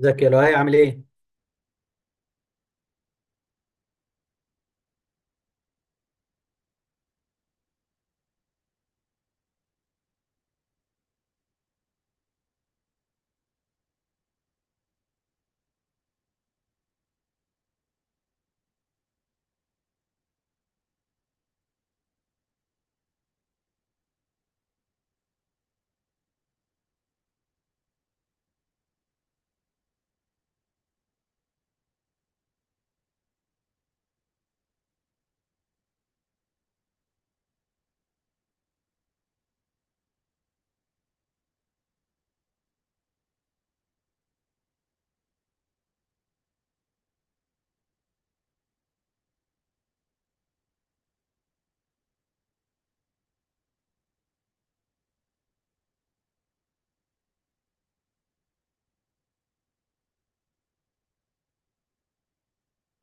ازيك يا لؤي عامل ايه؟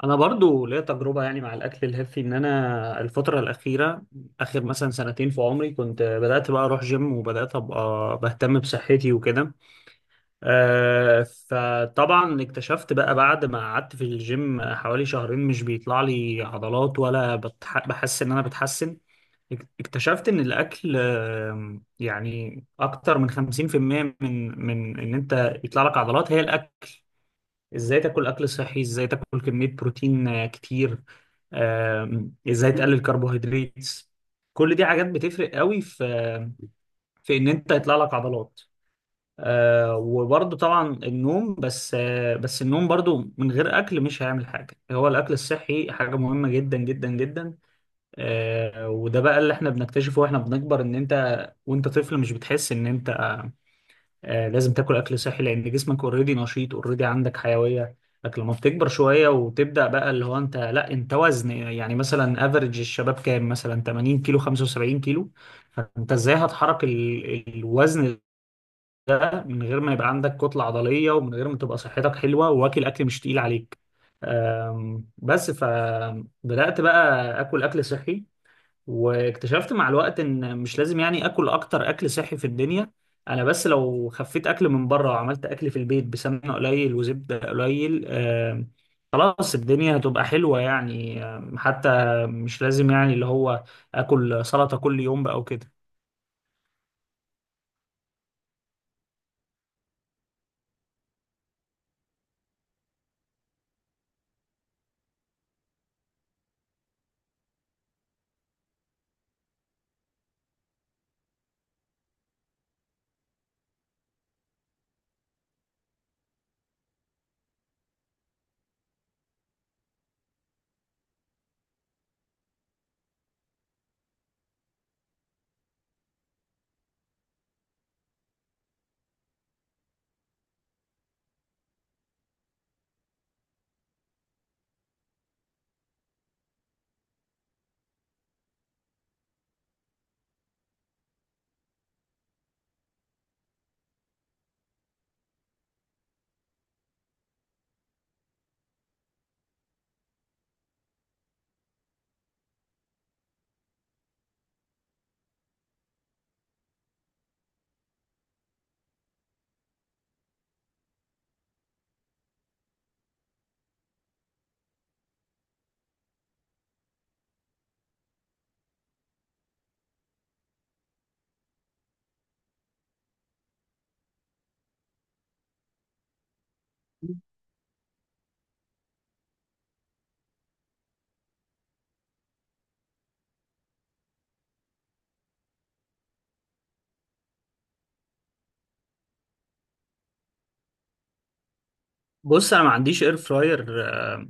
انا برضو ليا تجربه يعني مع الاكل الهيلثي ان انا الفتره الاخيره اخر مثلا سنتين في عمري كنت بدات بقى اروح جيم وبدات ابقى بهتم بصحتي وكده. آه، فطبعا اكتشفت بقى بعد ما قعدت في الجيم حوالي شهرين مش بيطلع لي عضلات ولا بحس ان انا بتحسن. اكتشفت ان الاكل، يعني اكتر من 50% من ان انت يطلع لك عضلات هي الاكل. ازاي تاكل اكل صحي، ازاي تاكل كمية بروتين كتير. ازاي تقلل كربوهيدرات. كل دي حاجات بتفرق قوي في ان انت يطلع لك عضلات. وبرضه طبعا النوم، بس النوم برضه من غير اكل مش هيعمل حاجة. هو الاكل الصحي حاجة مهمة جدا جدا جدا. وده بقى اللي احنا بنكتشفه واحنا بنكبر، ان انت وانت طفل مش بتحس ان انت لازم تاكل اكل صحي لان جسمك اوريدي نشيط اوريدي عندك حيويه. لكن لما بتكبر شويه وتبدا بقى اللي هو انت لا انت وزن يعني، مثلا افريج الشباب كام؟ مثلا 80 كيلو، 75 كيلو. فانت ازاي هتحرك الوزن ده من غير ما يبقى عندك كتله عضليه ومن غير ما تبقى صحتك حلوه واكل اكل مش تقيل عليك. بس فبدات بقى اكل اكل صحي واكتشفت مع الوقت ان مش لازم يعني اكل اكتر اكل صحي في الدنيا. انا بس لو خفيت اكل من بره وعملت اكل في البيت بسمنه قليل وزبده قليل خلاص الدنيا هتبقى حلوه يعني. حتى مش لازم يعني اللي هو اكل سلطه كل يوم بقى وكده. بص انا ما عنديش اير فراير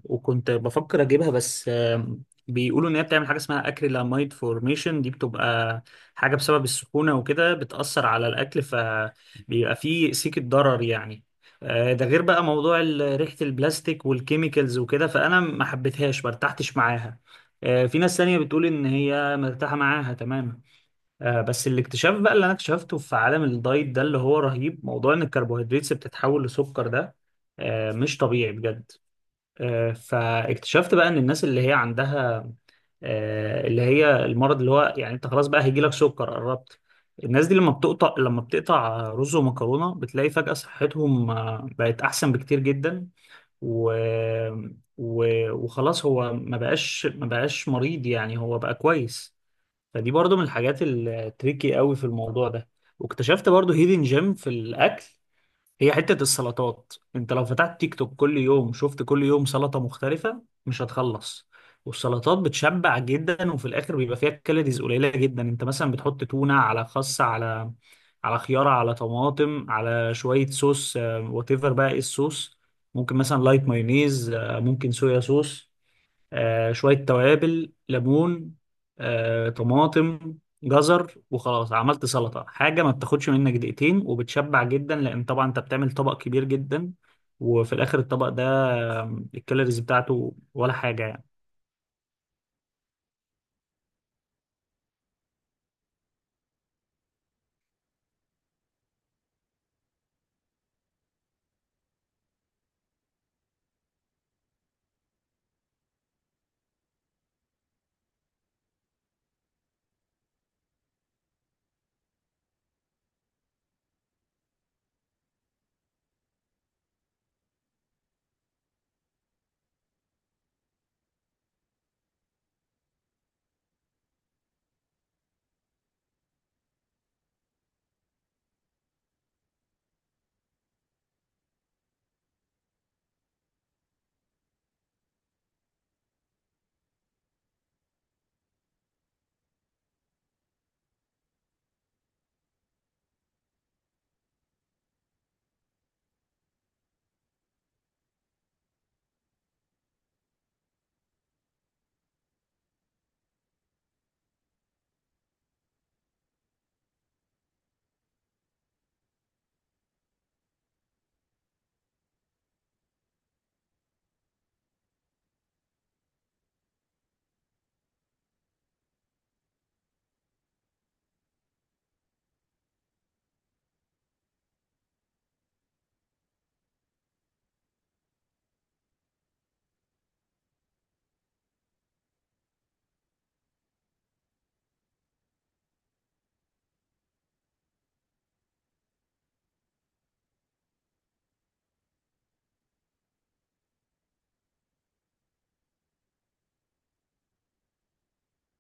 وكنت بفكر اجيبها، بس بيقولوا ان هي بتعمل حاجه اسمها اكريلاميد فورميشن. دي بتبقى حاجه بسبب السخونه وكده بتاثر على الاكل فبيبقى فيه سيكه ضرر يعني. ده غير بقى موضوع ريحه البلاستيك والكيميكالز وكده، فانا ما حبيتهاش، ما ارتحتش معاها. في ناس تانية بتقول ان هي مرتاحه معاها تمام. بس الاكتشاف بقى اللي انا اكتشفته في عالم الدايت ده اللي هو رهيب، موضوع ان الكربوهيدرات بتتحول لسكر ده مش طبيعي بجد. فاكتشفت بقى ان الناس اللي هي عندها اللي هي المرض اللي هو يعني انت خلاص بقى هيجيلك سكر، قربت. الناس دي لما بتقطع رز ومكرونة بتلاقي فجأة صحتهم بقت احسن بكتير جدا. و... و... وخلاص هو ما بقاش مريض يعني، هو بقى كويس. فدي برضو من الحاجات التريكي قوي في الموضوع ده. واكتشفت برضو هيدن جيم في الاكل. هي حتة السلطات، انت لو فتحت تيك توك كل يوم شفت كل يوم سلطة مختلفة مش هتخلص. والسلطات بتشبع جدا وفي الاخر بيبقى فيها كالوريز قليلة جدا. انت مثلا بتحط تونة على خس، على خيارة، على طماطم، على شوية صوص، وات ايفر بقى ايه الصوص. ممكن مثلا لايت مايونيز، ممكن صويا صوص، شوية توابل، ليمون، طماطم، جزر. وخلاص عملت سلطة، حاجة ما بتاخدش منك دقيقتين وبتشبع جدا، لأن طبعا أنت بتعمل طبق كبير جدا، وفي الآخر الطبق ده الكالوريز بتاعته ولا حاجة يعني.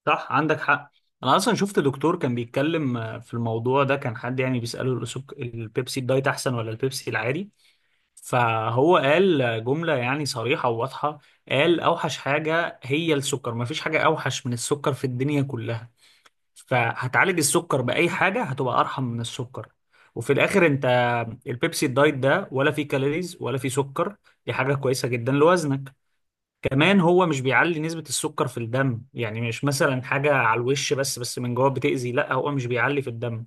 صح، عندك حق. أنا أصلا شفت دكتور كان بيتكلم في الموضوع ده، كان حد يعني بيسأله البيبسي الدايت أحسن ولا البيبسي العادي. فهو قال جملة يعني صريحة وواضحة. قال أوحش حاجة هي السكر، مفيش حاجة أوحش من السكر في الدنيا كلها. فهتعالج السكر بأي حاجة هتبقى أرحم من السكر. وفي الآخر أنت، البيبسي الدايت ده ولا فيه كالوريز ولا فيه سكر، دي حاجة كويسة جدا لوزنك. كمان هو مش بيعلي نسبة السكر في الدم، يعني مش مثلا حاجة على الوش بس من جوه بتأذي، لا هو مش بيعلي في الدم.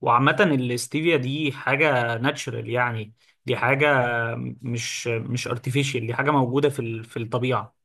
وعامة الاستيفيا دي حاجة ناتشرال يعني، دي حاجة مش ارتفيشال، دي حاجة موجودة في الطبيعة.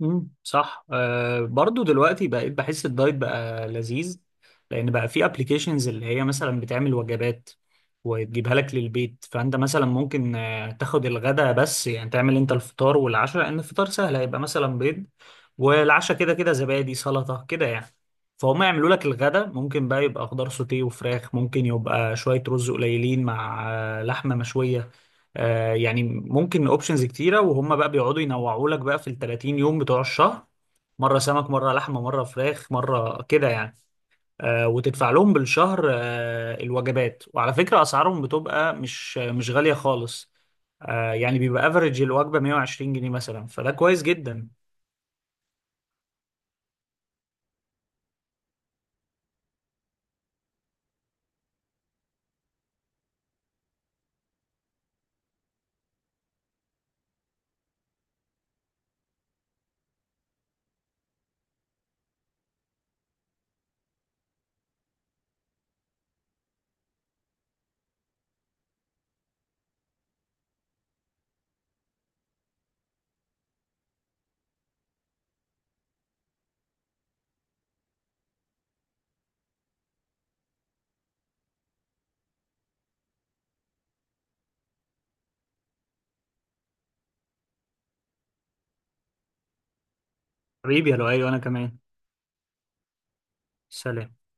مم. صح. برضو دلوقتي بقيت بحس الدايت بقى لذيذ، لان بقى في ابلكيشنز اللي هي مثلا بتعمل وجبات وتجيبها لك للبيت. فانت مثلا ممكن تاخد الغداء بس يعني، تعمل انت الفطار والعشاء، لان الفطار سهل هيبقى مثلا بيض، والعشاء كده كده زبادي سلطة كده يعني. فهم يعملوا لك الغداء، ممكن بقى يبقى خضار سوتيه وفراخ، ممكن يبقى شوية رز قليلين مع لحمة مشوية، يعني ممكن اوبشنز كتيره. وهم بقى بيقعدوا ينوعوا لك بقى في ال 30 يوم بتوع الشهر، مره سمك مره لحمه مره فراخ مره كده يعني. وتدفع لهم بالشهر الوجبات، وعلى فكره اسعارهم بتبقى مش غاليه خالص. يعني بيبقى افريج الوجبه 120 جنيه مثلا، فده كويس جدا. حبيبي يا لؤي وانا كمان. سلام.